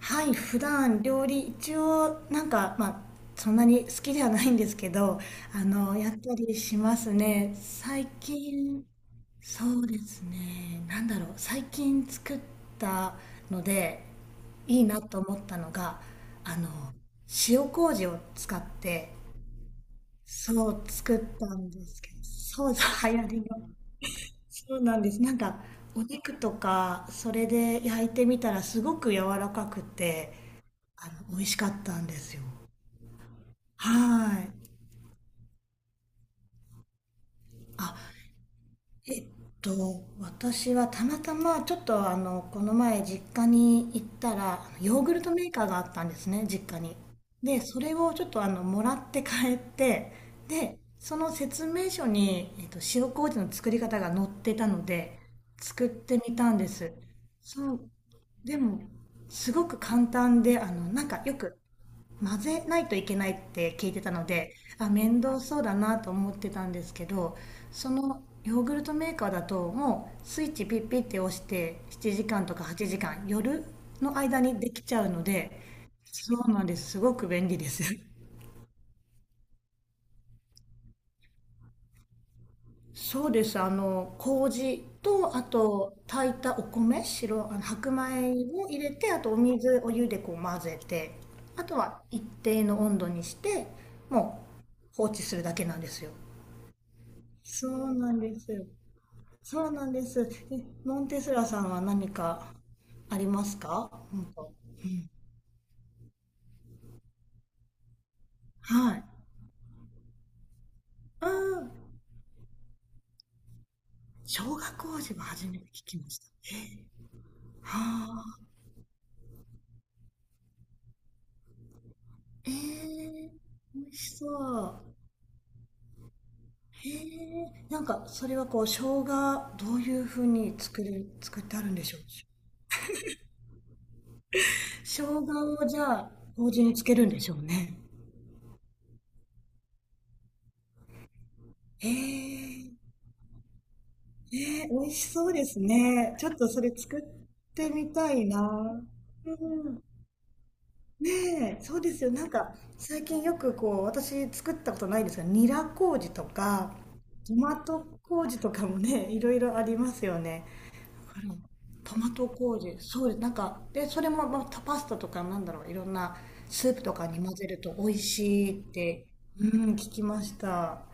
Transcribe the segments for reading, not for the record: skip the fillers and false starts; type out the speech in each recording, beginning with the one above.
はい、普段料理一応なんかまあ、そんなに好きではないんですけど、やったりしますね、最近。そうですね、なんだろう、最近作ったのでいいなと思ったのが、あの塩麹を使ってそう作ったんですけど、そうそう流行りの。そうなんです、なんかお肉とかそれで焼いてみたらすごく柔らかくて、美味しかったんですよ。はい。あ、えっ私はたまたまちょっとこの前実家に行ったら、あのヨーグルトメーカーがあったんですね、実家に。で、それをちょっともらって帰って、で、その説明書に、塩麹の作り方が載ってたので、作ってみたんです。そう。でも、すごく簡単で、なんかよく混ぜないといけないって聞いてたので、あ、面倒そうだなと思ってたんですけど、そのヨーグルトメーカーだともうスイッチピッピッて押して7時間とか8時間、夜の間にできちゃうので。そうなんです。すごく便利です。そうです。麹と、あと、炊いたお米、白、白米を入れて、あとお水、お湯でこう混ぜて、あとは一定の温度にして、もう放置するだけなんですよ。そうなんです。そうなんです。え、モンテスラさんは何かありますか、うんと。はい。うん。小学校は初めて聞きました。えー、はあ。えー、美味しそう。へえ。なんか、それはこう、生姜、どういうふうに作る、作ってあるんでしょう。生姜をじゃあ、麹につけるんでしょうね。へえ、ね、美味しそうですね。ちょっとそれ作ってみたいな。うん。ねえ、そうですよ。なんか、最近よくこう、私作ったことないですが、ニラ麹とか、トマト麹とかもね、いろいろありますよね。だから、トマト麹、そうです。なんか、で、それも、まあ、パスタとかなんだろう、いろんなスープとかに混ぜると美味しいって、うん、聞きました。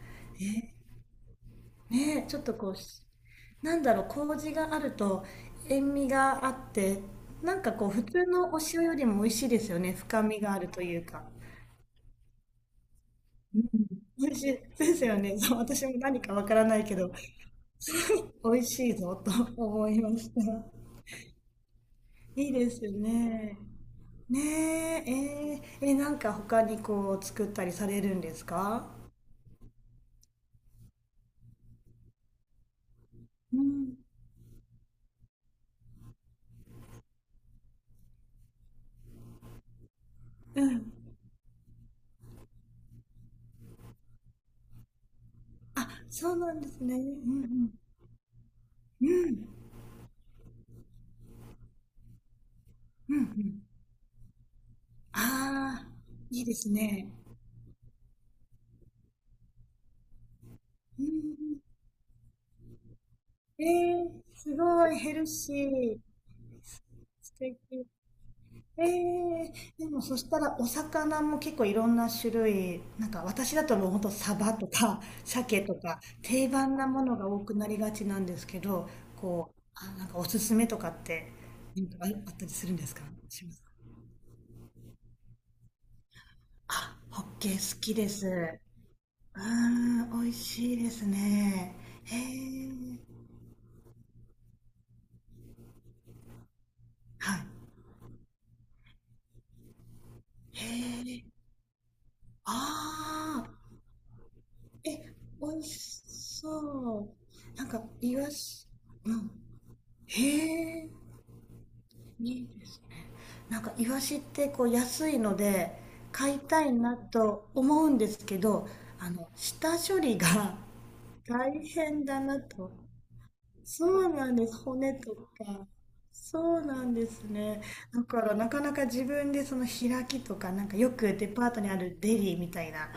ねえ、ちょっとこう、なんだろう、麹があると塩味があって、なんかこう普通のお塩よりも美味しいですよね。深みがあるというか。うん、美味しいですよね。そう、私も何かわからないけど、美味しいぞと思いました。いいですね。ねえ、なんか他にこう作ったりされるんですか。うん、うん。あ、そうなんですね。うん、うん。うん、うん、うん。ああ、いいですね。うん、えー、すごいヘルシー。素敵。えー、でもそしたらお魚も結構いろんな種類、なんか私だともうほんとサバとか 鮭とか定番なものが多くなりがちなんですけど、こう、あ、なんかおすすめとかって、なんかあったりするんですか、しますか。あ、ホッケー好きです。うーん、美味しいですね。へえ、はい。へえ、ああ、え、美味しそう。なんか、イワシ、うん。へえ、いいですね。なんか、イワシってこう安いので、買いたいなと思うんですけど、下処理が 大変だなと。そうなんです。骨とか。そうなんですね。だからなかなか自分でその開きとか、なんかよくデパートにあるデリーみたいな、あの、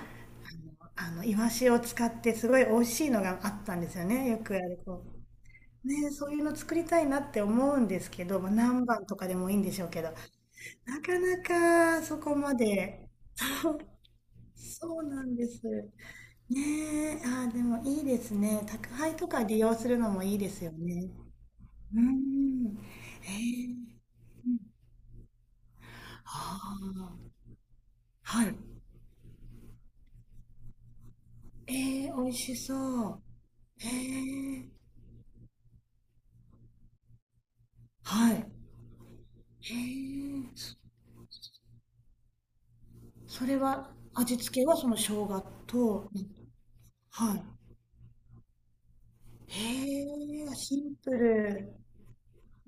あのイワシを使ってすごい美味しいのがあったんですよね。よくあるこう。ね、そういうの作りたいなって思うんですけど、まあ、何番とかでもいいんでしょうけど、なかなかそこまで。そう、そうなんです。ねえ、あー、でもいいですね。宅配とか利用するのもいいですよね。うーん。ええ。うん。ああ。はい。えー、美味しそう。へえー。はい。へえー。そ、それは、味付けはその生姜と、はい。へえー、シンプル。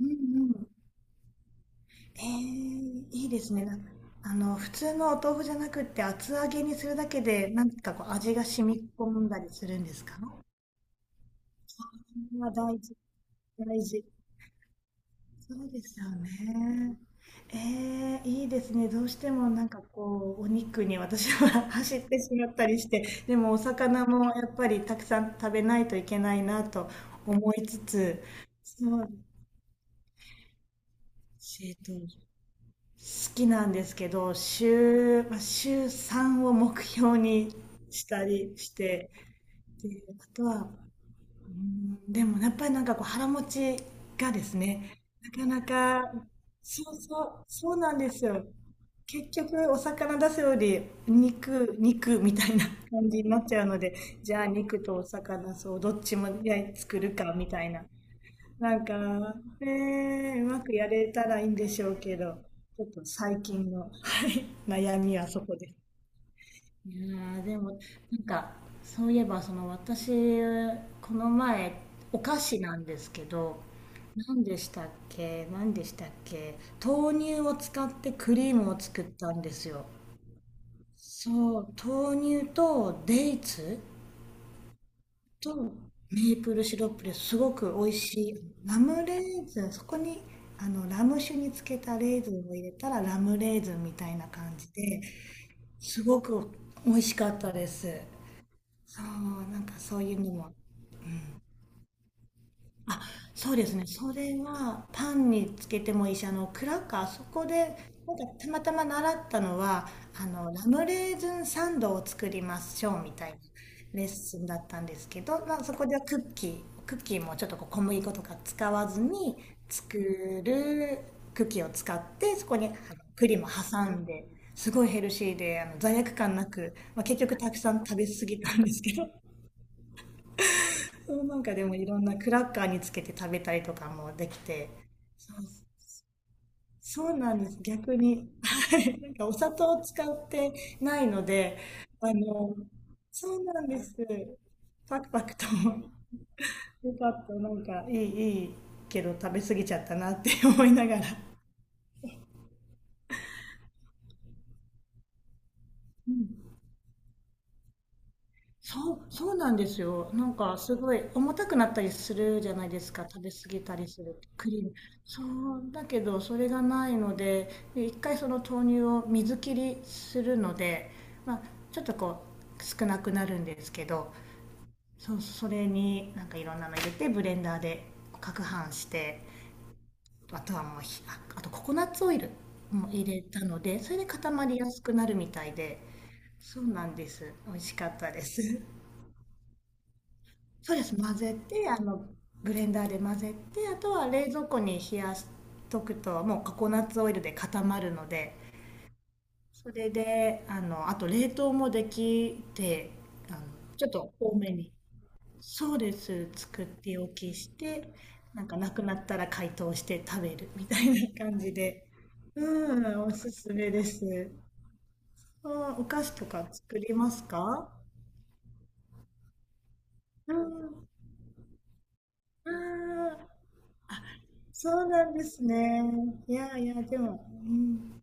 うん、うん。えー、いいですね。な、普通のお豆腐じゃなくって、厚揚げにするだけで、なんかこう味が染み込んだりするんですか？それは大事、大事。そうですよね。ええ、いいですね。どうしてもなんかこう、お肉に私は 走ってしまったりして、でもお魚もやっぱりたくさん食べないといけないなと思いつつ、そう、えっと、好きなんですけど、週、まあ、週3を目標にしたりして、で、あとは、でもやっぱりなんかこう腹持ちがですね、なかなか、そうなんですよ。結局お魚出すより肉、肉みたいな 感じになっちゃうので、じゃあ肉とお魚、そう、どっちも焼い作るかみたいな。なんか、ねえ、うまくやれたらいいんでしょうけど、ちょっと最近の、はい、悩みはそこです。いやー、でも、なんか、そういえばその、私この前お菓子なんですけど、何でしたっけ、豆乳を使ってクリームを作ったんですよ。そう、豆乳とデイツとメープルシロップですごく美味しい、ラムレーズン、そこにラム酒につけたレーズンを入れたらラムレーズンみたいな感じで、すごく美味しかったです。そう、なんかそういうのも。あ、そうですね。それはパンにつけてもいいし、クラッカー、そこで、なんかたまたま習ったのは、ラムレーズンサンドを作りましょうみたいなレッスンだったんですけど、まあ、そこではクッキーもちょっとこう小麦粉とか使わずに作るクッキーを使って、そこに栗も挟んで、すごいヘルシーで、罪悪感なく、まあ、結局たくさん食べ過ぎたんですけど、そう、なんかでもいろんなクラッカーにつけて食べたりとかもできて、そう、そうなんです。逆に、はい、なんかお砂糖を使ってないので、あの、そうなんです。パクパクと、よかった、いいけど食べ過ぎちゃったなって思いながら。うん、そうなんですよ。なんかすごい重たくなったりするじゃないですか。食べ過ぎたりするとクリーム。そう、だけどそれがないので、で一回その豆乳を水切りするので、まあ、ちょっとこう少なくなるんですけど、そう、それになんかいろんなの入れてブレンダーで攪拌して、あとはもうひ、あ、あとココナッツオイルも入れたので、それで固まりやすくなるみたいで、そうなんです。美味しかったです。そうです。混ぜて、ブレンダーで混ぜて、あとは冷蔵庫に冷やしとくと、もうココナッツオイルで固まるので、それで、あと冷凍もできて、ちょっと多めに、そうです。作っておきして、なんかなくなったら解凍して食べるみたいな感じで。うん、おすすめです。あ、お菓子とか作りますか。うん、うん。あ、そうなんですね。いやいや、でも、うん。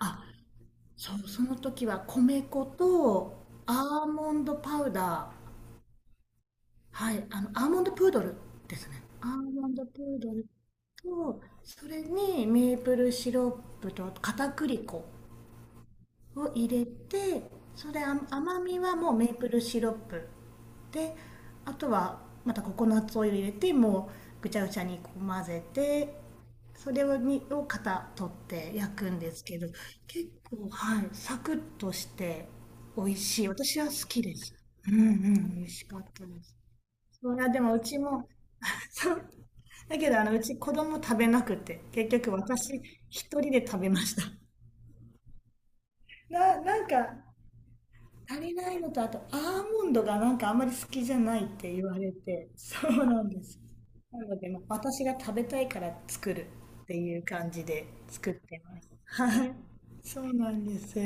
あ、そう、その時は米粉とアーモンドパウダー。はい、アーモンドプードルですね。アーモンドプードルと、それにメープルシロップと片栗粉を入れて、それ、甘みはもうメープルシロップで、あとはまたココナッツオイル入れても、うぐちゃぐちゃにこう混ぜて、それを型取って焼くんですけど、結構はいサクッとして美味しい、私は好きです。うん、うん、美味しかったです。そりゃ、でもうちも、そうだけど、うち子供食べなくて結局私一人で食べました。な、なんか足りないのと、あとアーモンドがなんかあんまり好きじゃないって言われて、そうなんです。なので、まあ、私が食べたいから作るっていう感じで作ってます。はい。そうなんです。